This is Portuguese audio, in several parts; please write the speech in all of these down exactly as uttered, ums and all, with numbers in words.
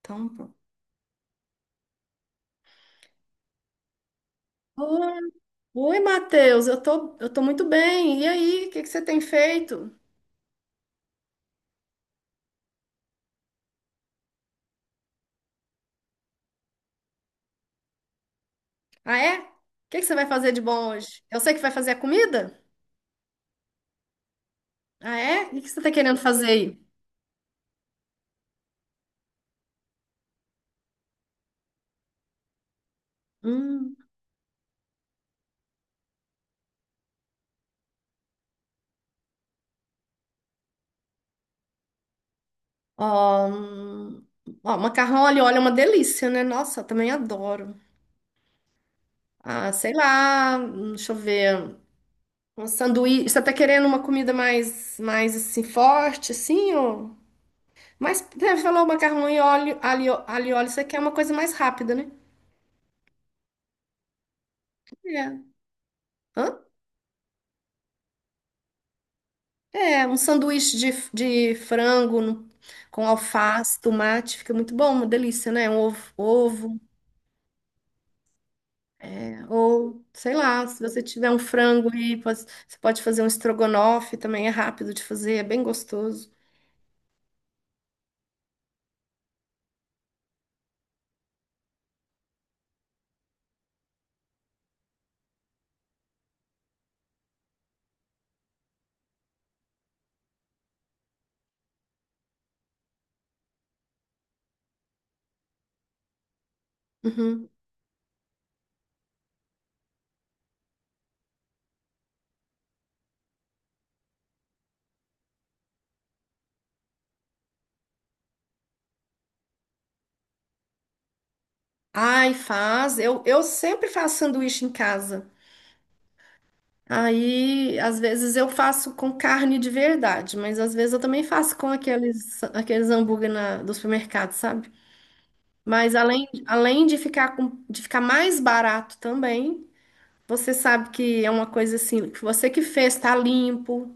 Então, pô. Oi, Oi, Matheus, eu tô, eu tô muito bem. E aí, o que que você tem feito? Ah, é? O que que você vai fazer de bom hoje? Eu sei que vai fazer a comida? Ah, é? O que que você tá querendo fazer aí? Hum, ó, hum, ó, macarrão ali, olha, é uma delícia, né? Nossa, eu também adoro. Ah, sei lá, hum, deixa eu ver. Um sanduíche. Você tá querendo uma comida mais, mais assim, forte, assim, ou... Mas, você falou macarrão e óleo, alho, alho e óleo, você quer uma coisa mais rápida, né? É. Hã? É, um sanduíche de, de frango no- com alface, tomate, fica muito bom, uma delícia, né? Um ovo, ovo, é, ou sei lá, se você tiver um frango aí, pode- você pode fazer um estrogonofe também, é rápido de fazer, é bem gostoso. Uhum. Ai, faz. Eu, eu sempre faço sanduíche em casa. Aí, às vezes eu faço com carne de verdade, mas às vezes eu também faço com aqueles, aqueles hambúrguer na, do supermercado, sabe? Mas além, além de ficar com, de ficar mais barato também, você sabe que é uma coisa assim, que você que fez, tá limpo.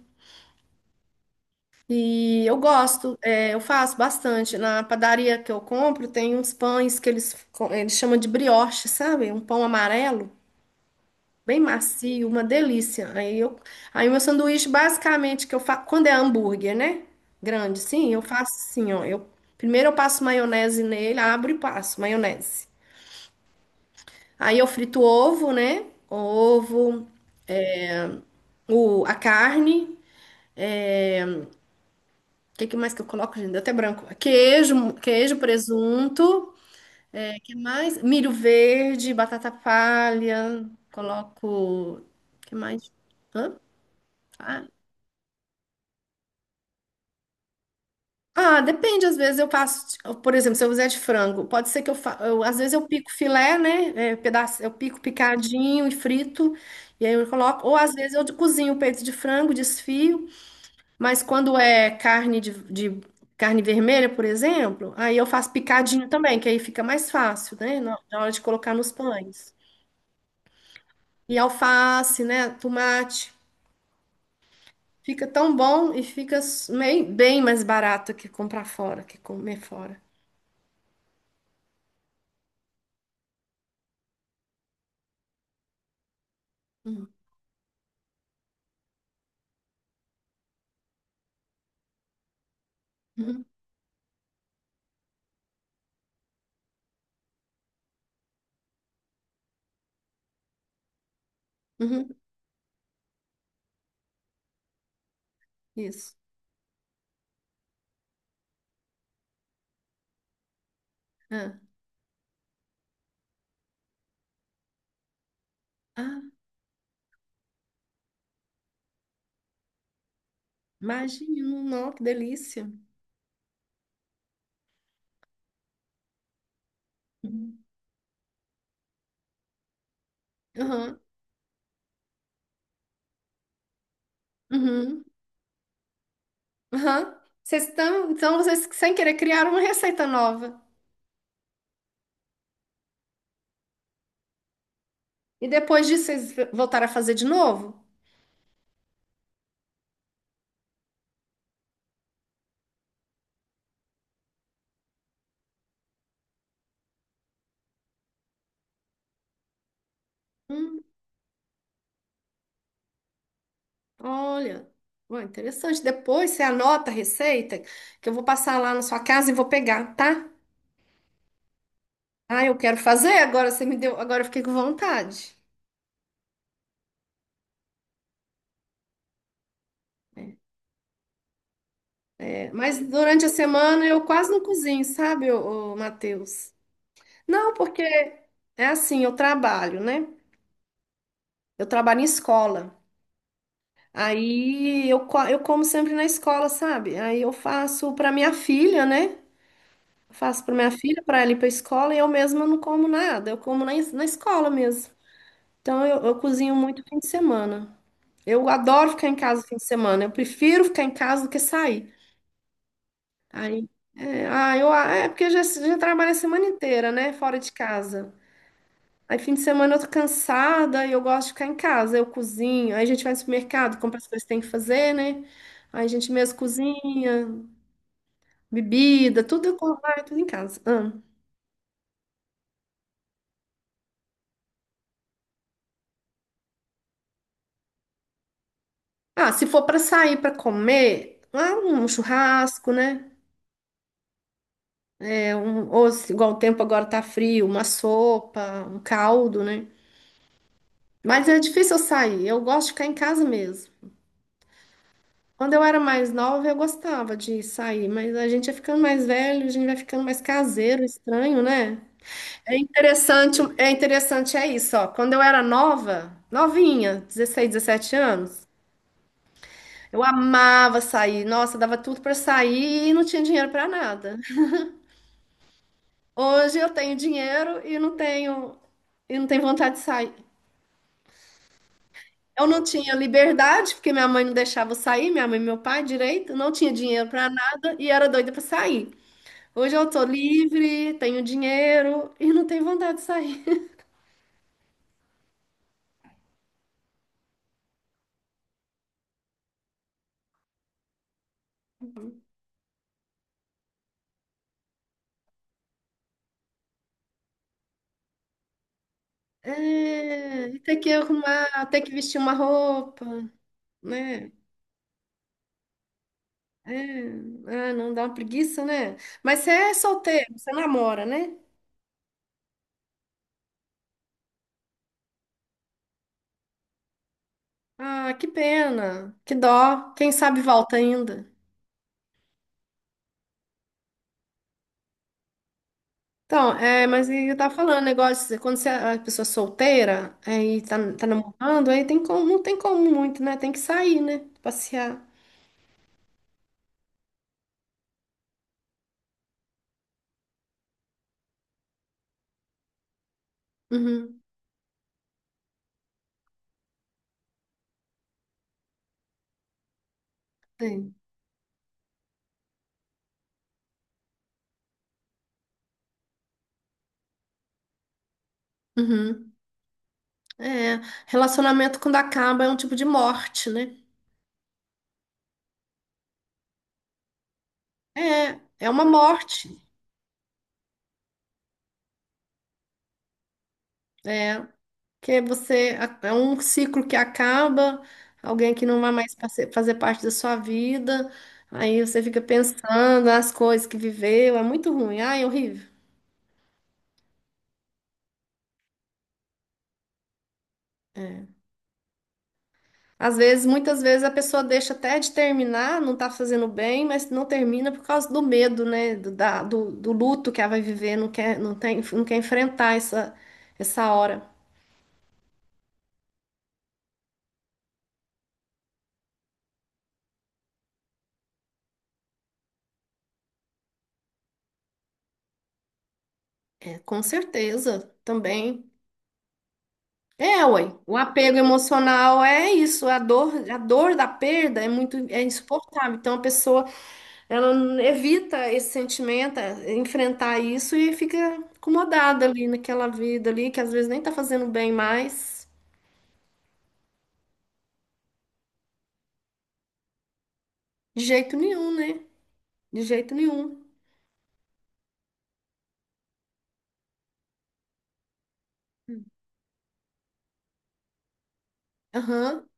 E eu gosto, é, eu faço bastante. Na padaria que eu compro, tem uns pães que eles, co- eles chamam de brioche, sabe? Um pão amarelo, bem macio, uma delícia. Aí eu, aí o meu sanduíche, basicamente, que eu faço, quando é hambúrguer, né? Grande, sim, eu faço assim, ó. Eu, primeiro eu passo maionese nele, abro e passo maionese. Aí eu frito o ovo, né? O ovo, o, a carne. É, o que que mais que eu coloco, gente? Deu até branco. Queijo, queijo, presunto. É, que mais? Milho verde, batata palha. Coloco. Que mais? Hã? Ah, ah, depende. Às vezes eu faço. Por exemplo, se eu fizer de frango, pode ser que eu, fa... eu- às vezes eu pico filé, né? É, pedaço... eu pico picadinho e frito. E aí eu coloco. Ou às vezes eu cozinho o peito de frango, desfio. Mas quando é carne de, de carne vermelha, por exemplo, aí eu faço picadinho também, que aí fica mais fácil, né? Na na hora de colocar nos pães. E alface, né? Tomate. Fica tão bom e fica s- meio- bem mais barato que comprar fora, que comer fora. Uhum, uhum, isso. Ah, ah, imagino, não, que delícia. Uhum, uhum, uhum. Aham. Vocês estão, então vocês sem querer criaram uma receita nova. E depois disso vocês voltaram a fazer de novo? Hum, olha, ué, interessante. Depois você anota a receita que eu vou passar lá na sua casa e vou pegar, tá? Ah, eu quero fazer, agora você me deu, agora eu fiquei com vontade. É, mas durante a semana eu quase não cozinho, sabe, ô, ô, Matheus? Não, porque é assim, eu trabalho, né? Eu trabalho em escola. Aí eu, co- eu como sempre na escola, sabe? Aí eu faço para minha filha, né? Eu faço para minha filha, para ela ir para escola e eu mesma não como nada, eu como na, es- na escola mesmo. Então eu, eu cozinho muito fim de semana. Eu adoro ficar em casa fim de semana. Eu prefiro ficar em casa do que sair. Aí, é, ah, eu, ah, é porque eu já, já trabalho a semana inteira, né? Fora de casa. Aí fim de semana eu tô cansada e eu gosto de ficar em casa. Eu cozinho. Aí a gente vai no supermercado, compra as coisas que tem que fazer, né? Aí a gente mesmo cozinha, bebida, tudo, eu compro, vai tudo em casa. Ah, Ah, se for para sair para comer, ah, um churrasco, né? É um, ou se- igual o tempo agora tá frio, uma sopa, um caldo, né? Mas é difícil eu sair. Eu gosto de ficar em casa mesmo. Quando eu era mais nova, eu gostava de sair, mas a gente vai ficando mais velho, a gente vai ficando mais caseiro, estranho, né? É interessante, é interessante é isso, ó. Quando eu era nova, novinha, dezesseis dezessete anos, eu amava sair. Nossa, dava tudo pra sair e não tinha dinheiro pra nada. Hoje eu tenho dinheiro e não tenho e não tenho vontade de sair. Eu não tinha liberdade, porque minha mãe não deixava eu sair, minha mãe e meu pai direito, não tinha dinheiro para nada e era doida para sair. Hoje eu tô livre, tenho dinheiro e não tenho vontade de sair. É, e ter que arrumar, ter que vestir uma roupa, né? É, ah, não dá uma preguiça, né? Mas você é solteiro, você namora, né? Ah, que pena, que dó. Quem sabe volta ainda. Então, é, mas e eu tava falando, negócio, quando você é a pessoa solteira é, e tá, tá namorando, aí tem como, não tem como muito, né? Tem que sair, né? Passear. Uhum, tem. Uhum. É, relacionamento quando acaba é um tipo de morte, né? É, é uma morte. É, que você, é um ciclo que acaba, alguém que não vai mais face- fazer parte da sua vida, aí você fica pensando nas coisas que viveu, é muito ruim, ai, é horrível. É. Às vezes, muitas vezes a pessoa deixa até de terminar, não tá fazendo bem, mas não termina por causa do medo, né? Do, da- do, do luto que ela vai viver, não quer, não tem, não quer enfrentar essa, essa hora. É, com certeza, também. É, ué, o apego emocional é isso, a dor, a dor, da perda é muito, é insuportável. Então a pessoa, ela evita esse sentimento, é, enfrentar isso e fica acomodada ali naquela vida ali, que às vezes nem tá fazendo bem mais, de jeito nenhum, né? De jeito nenhum. Aham.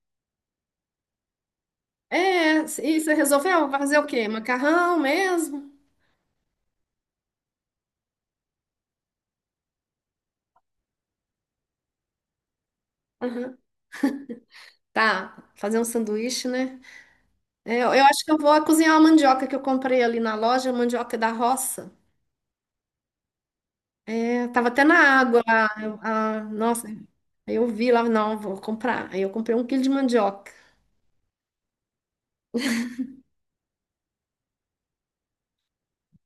É, e você resolveu? Vai fazer o quê? Macarrão mesmo? Aham. Tá, fazer um sanduíche, né? É, eu eu acho que eu vou cozinhar uma mandioca que eu comprei ali na loja, mandioca da roça. É, tava até na água lá. Eu- ah, nossa, aí eu vi lá, não, vou comprar. Aí eu comprei um quilo de mandioca.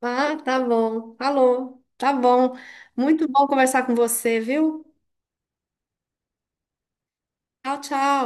Ah, tá bom. Falou. Tá bom. Muito bom conversar com você, viu? Tchau, tchau.